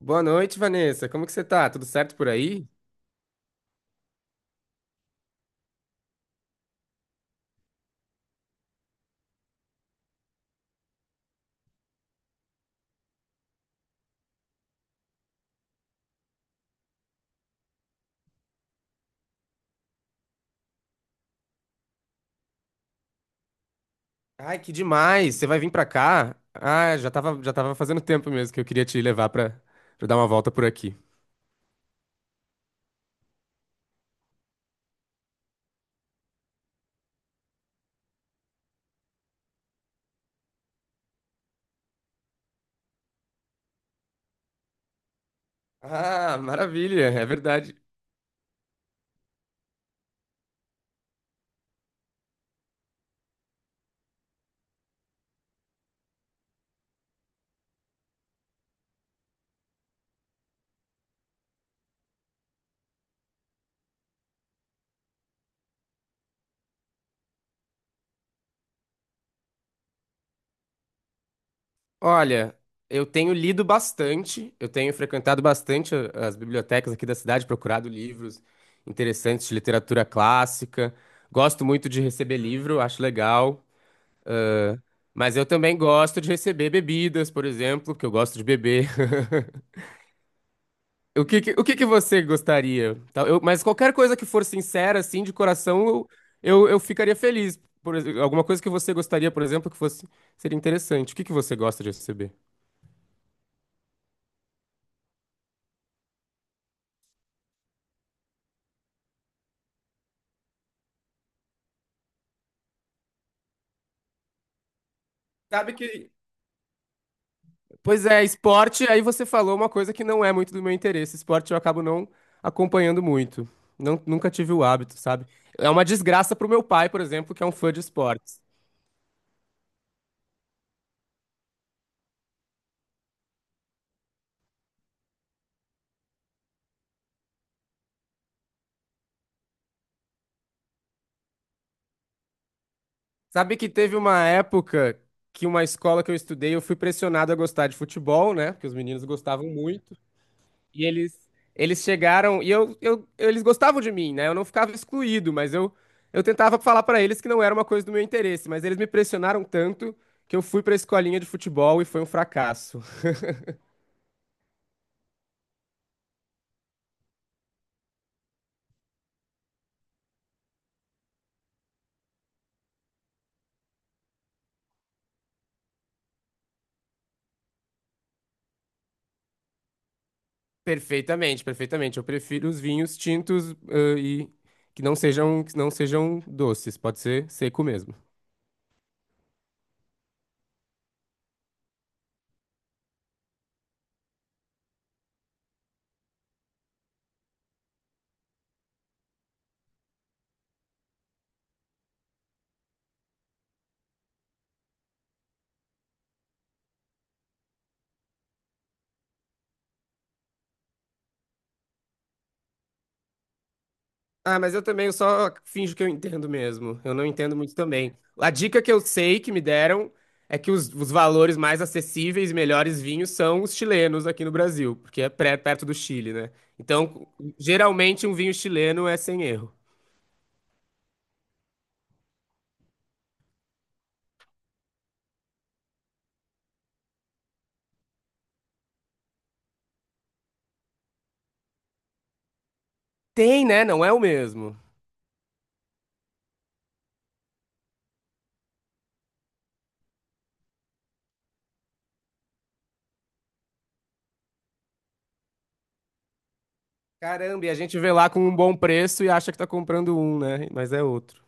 Boa noite, Vanessa. Como que você tá? Tudo certo por aí? Ai, que demais! Você vai vir pra cá? Ah, já tava fazendo tempo mesmo que eu queria te levar pra dar uma volta por aqui. Ah, maravilha, é verdade. Olha, eu tenho lido bastante, eu tenho frequentado bastante as bibliotecas aqui da cidade, procurado livros interessantes de literatura clássica. Gosto muito de receber livro, acho legal. Mas eu também gosto de receber bebidas, por exemplo, porque eu gosto de beber. O que que você gostaria? Tá, mas qualquer coisa que for sincera, assim, de coração, eu ficaria feliz. Alguma coisa que você gostaria, por exemplo, que fosse seria interessante. O que que você gosta de receber? Sabe que Pois é, esporte, aí você falou uma coisa que não é muito do meu interesse. Esporte eu acabo não acompanhando muito. Não, nunca tive o hábito, sabe? É uma desgraça pro meu pai, por exemplo, que é um fã de esportes. Sabe que teve uma época que uma escola que eu estudei, eu fui pressionado a gostar de futebol, né? Porque os meninos gostavam muito. E eles, eles chegaram e eles gostavam de mim, né? Eu não ficava excluído, eu tentava falar pra eles que não era uma coisa do meu interesse, mas eles me pressionaram tanto que eu fui pra escolinha de futebol e foi um fracasso. Perfeitamente, perfeitamente. Eu prefiro os vinhos tintos, e que não sejam doces, pode ser seco mesmo. Ah, mas eu também eu só finjo que eu entendo mesmo. Eu não entendo muito também. A dica que eu sei que me deram é que os valores mais acessíveis e melhores vinhos são os chilenos aqui no Brasil, porque é perto do Chile, né? Então, geralmente um vinho chileno é sem erro. Tem, né? Não é o mesmo. Caramba, e a gente vê lá com um bom preço e acha que tá comprando um, né? Mas é outro.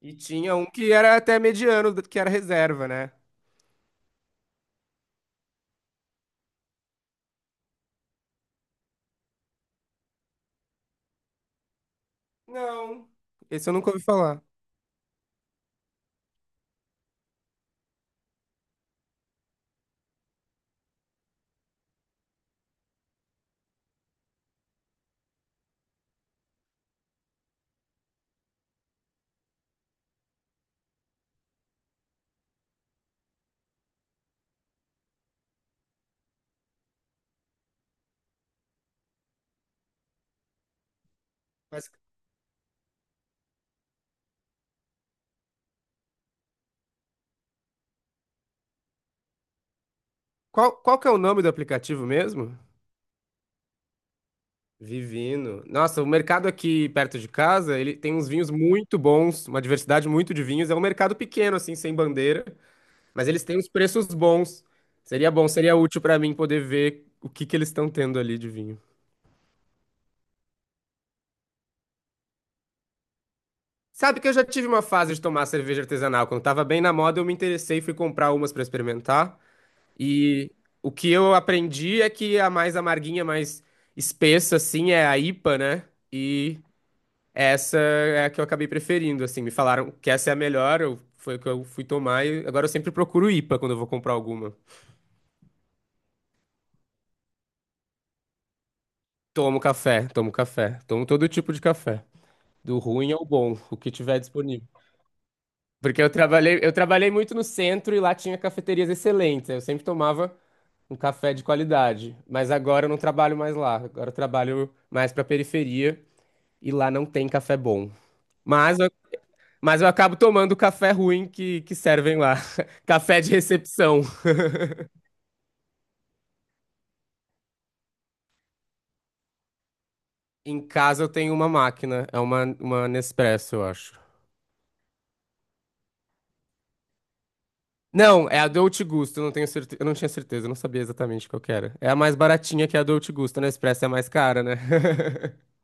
E tinha um que era até mediano, que era reserva, né? Não, esse eu nunca ouvi falar. Qual, qual que é o nome do aplicativo mesmo? Vivino. Nossa, o mercado aqui perto de casa, ele tem uns vinhos muito bons, uma diversidade muito de vinhos. É um mercado pequeno, assim, sem bandeira, mas eles têm os preços bons. Seria bom, seria útil pra mim poder ver o que que eles estão tendo ali de vinho. Sabe que eu já tive uma fase de tomar cerveja artesanal. Quando tava bem na moda, eu me interessei e fui comprar umas pra experimentar. E o que eu aprendi é que a mais amarguinha, mais espessa, assim, é a IPA, né? Essa é a que eu acabei preferindo, assim. Me falaram que essa é a melhor, foi a que eu fui tomar e agora eu sempre procuro IPA quando eu vou comprar alguma. Tomo café, tomo café, tomo todo tipo de café, do ruim ao bom, o que tiver disponível. Porque eu trabalhei muito no centro e lá tinha cafeterias excelentes, eu sempre tomava um café de qualidade, mas agora eu não trabalho mais lá, agora eu trabalho mais pra periferia e lá não tem café bom. Mas eu, mas eu acabo tomando o café ruim que servem lá, café de recepção. Em casa eu tenho uma máquina, é uma Nespresso, eu acho. Não, é a Dolce Gusto, eu não tenho certeza, eu não tinha certeza, eu não sabia exatamente qual que era. É a mais baratinha que é a Dolce Gusto, a Nespresso é a mais cara, né?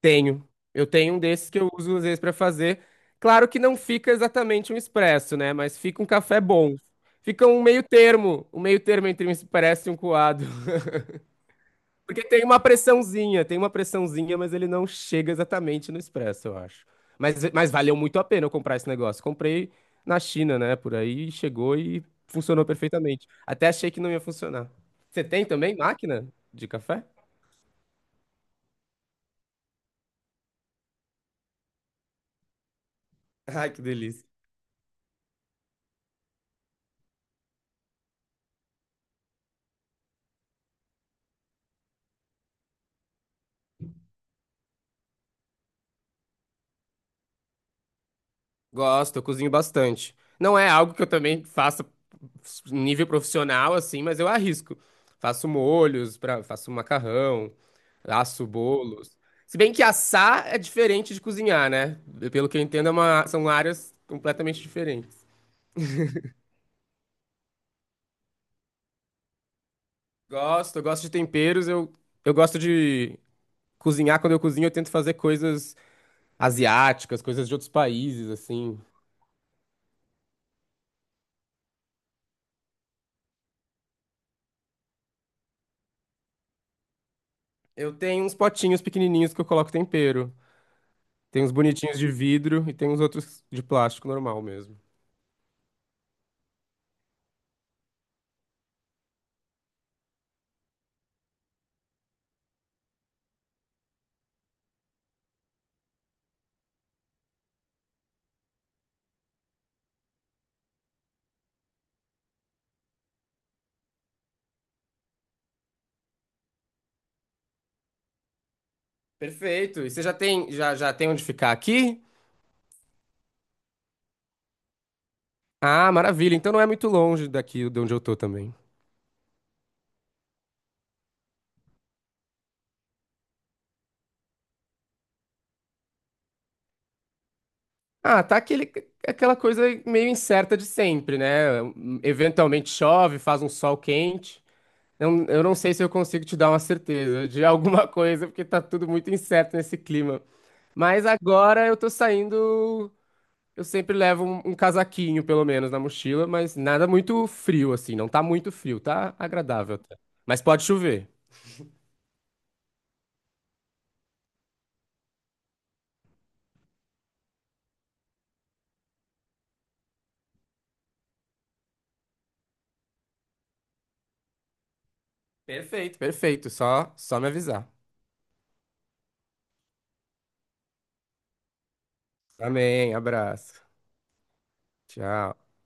Tenho. Eu tenho um desses que eu uso às vezes pra fazer. Claro que não fica exatamente um expresso, né? Mas fica um café bom. Fica um meio termo entre um expresso e um coado. Porque tem uma pressãozinha, mas ele não chega exatamente no expresso, eu acho. Mas valeu muito a pena eu comprar esse negócio. Comprei na China, né? Por aí, chegou e funcionou perfeitamente. Até achei que não ia funcionar. Você tem também máquina de café? Ai, que delícia. Gosto, eu cozinho bastante. Não é algo que eu também faça em nível profissional, assim, mas eu arrisco. Faço molhos, faço macarrão, asso bolos. Se bem que assar é diferente de cozinhar, né? Pelo que eu entendo, é são áreas completamente diferentes. Gosto, eu gosto de cozinhar. Quando eu cozinho, eu tento fazer coisas asiáticas, coisas de outros países, assim. Eu tenho uns potinhos pequenininhos que eu coloco tempero. Tem uns bonitinhos de vidro e tem uns outros de plástico normal mesmo. Perfeito. E você já tem, já tem onde ficar aqui? Ah, maravilha. Então não é muito longe daqui de onde eu tô também. Ah, aquela coisa meio incerta de sempre, né? Eventualmente chove, faz um sol quente. Eu não sei se eu consigo te dar uma certeza de alguma coisa, porque tá tudo muito incerto nesse clima. Mas agora eu tô saindo. Eu sempre levo um casaquinho, pelo menos, na mochila, mas nada muito frio, assim. Não tá muito frio, tá agradável até. Mas pode chover. Perfeito, perfeito. Só me avisar. Amém, abraço. Tchau.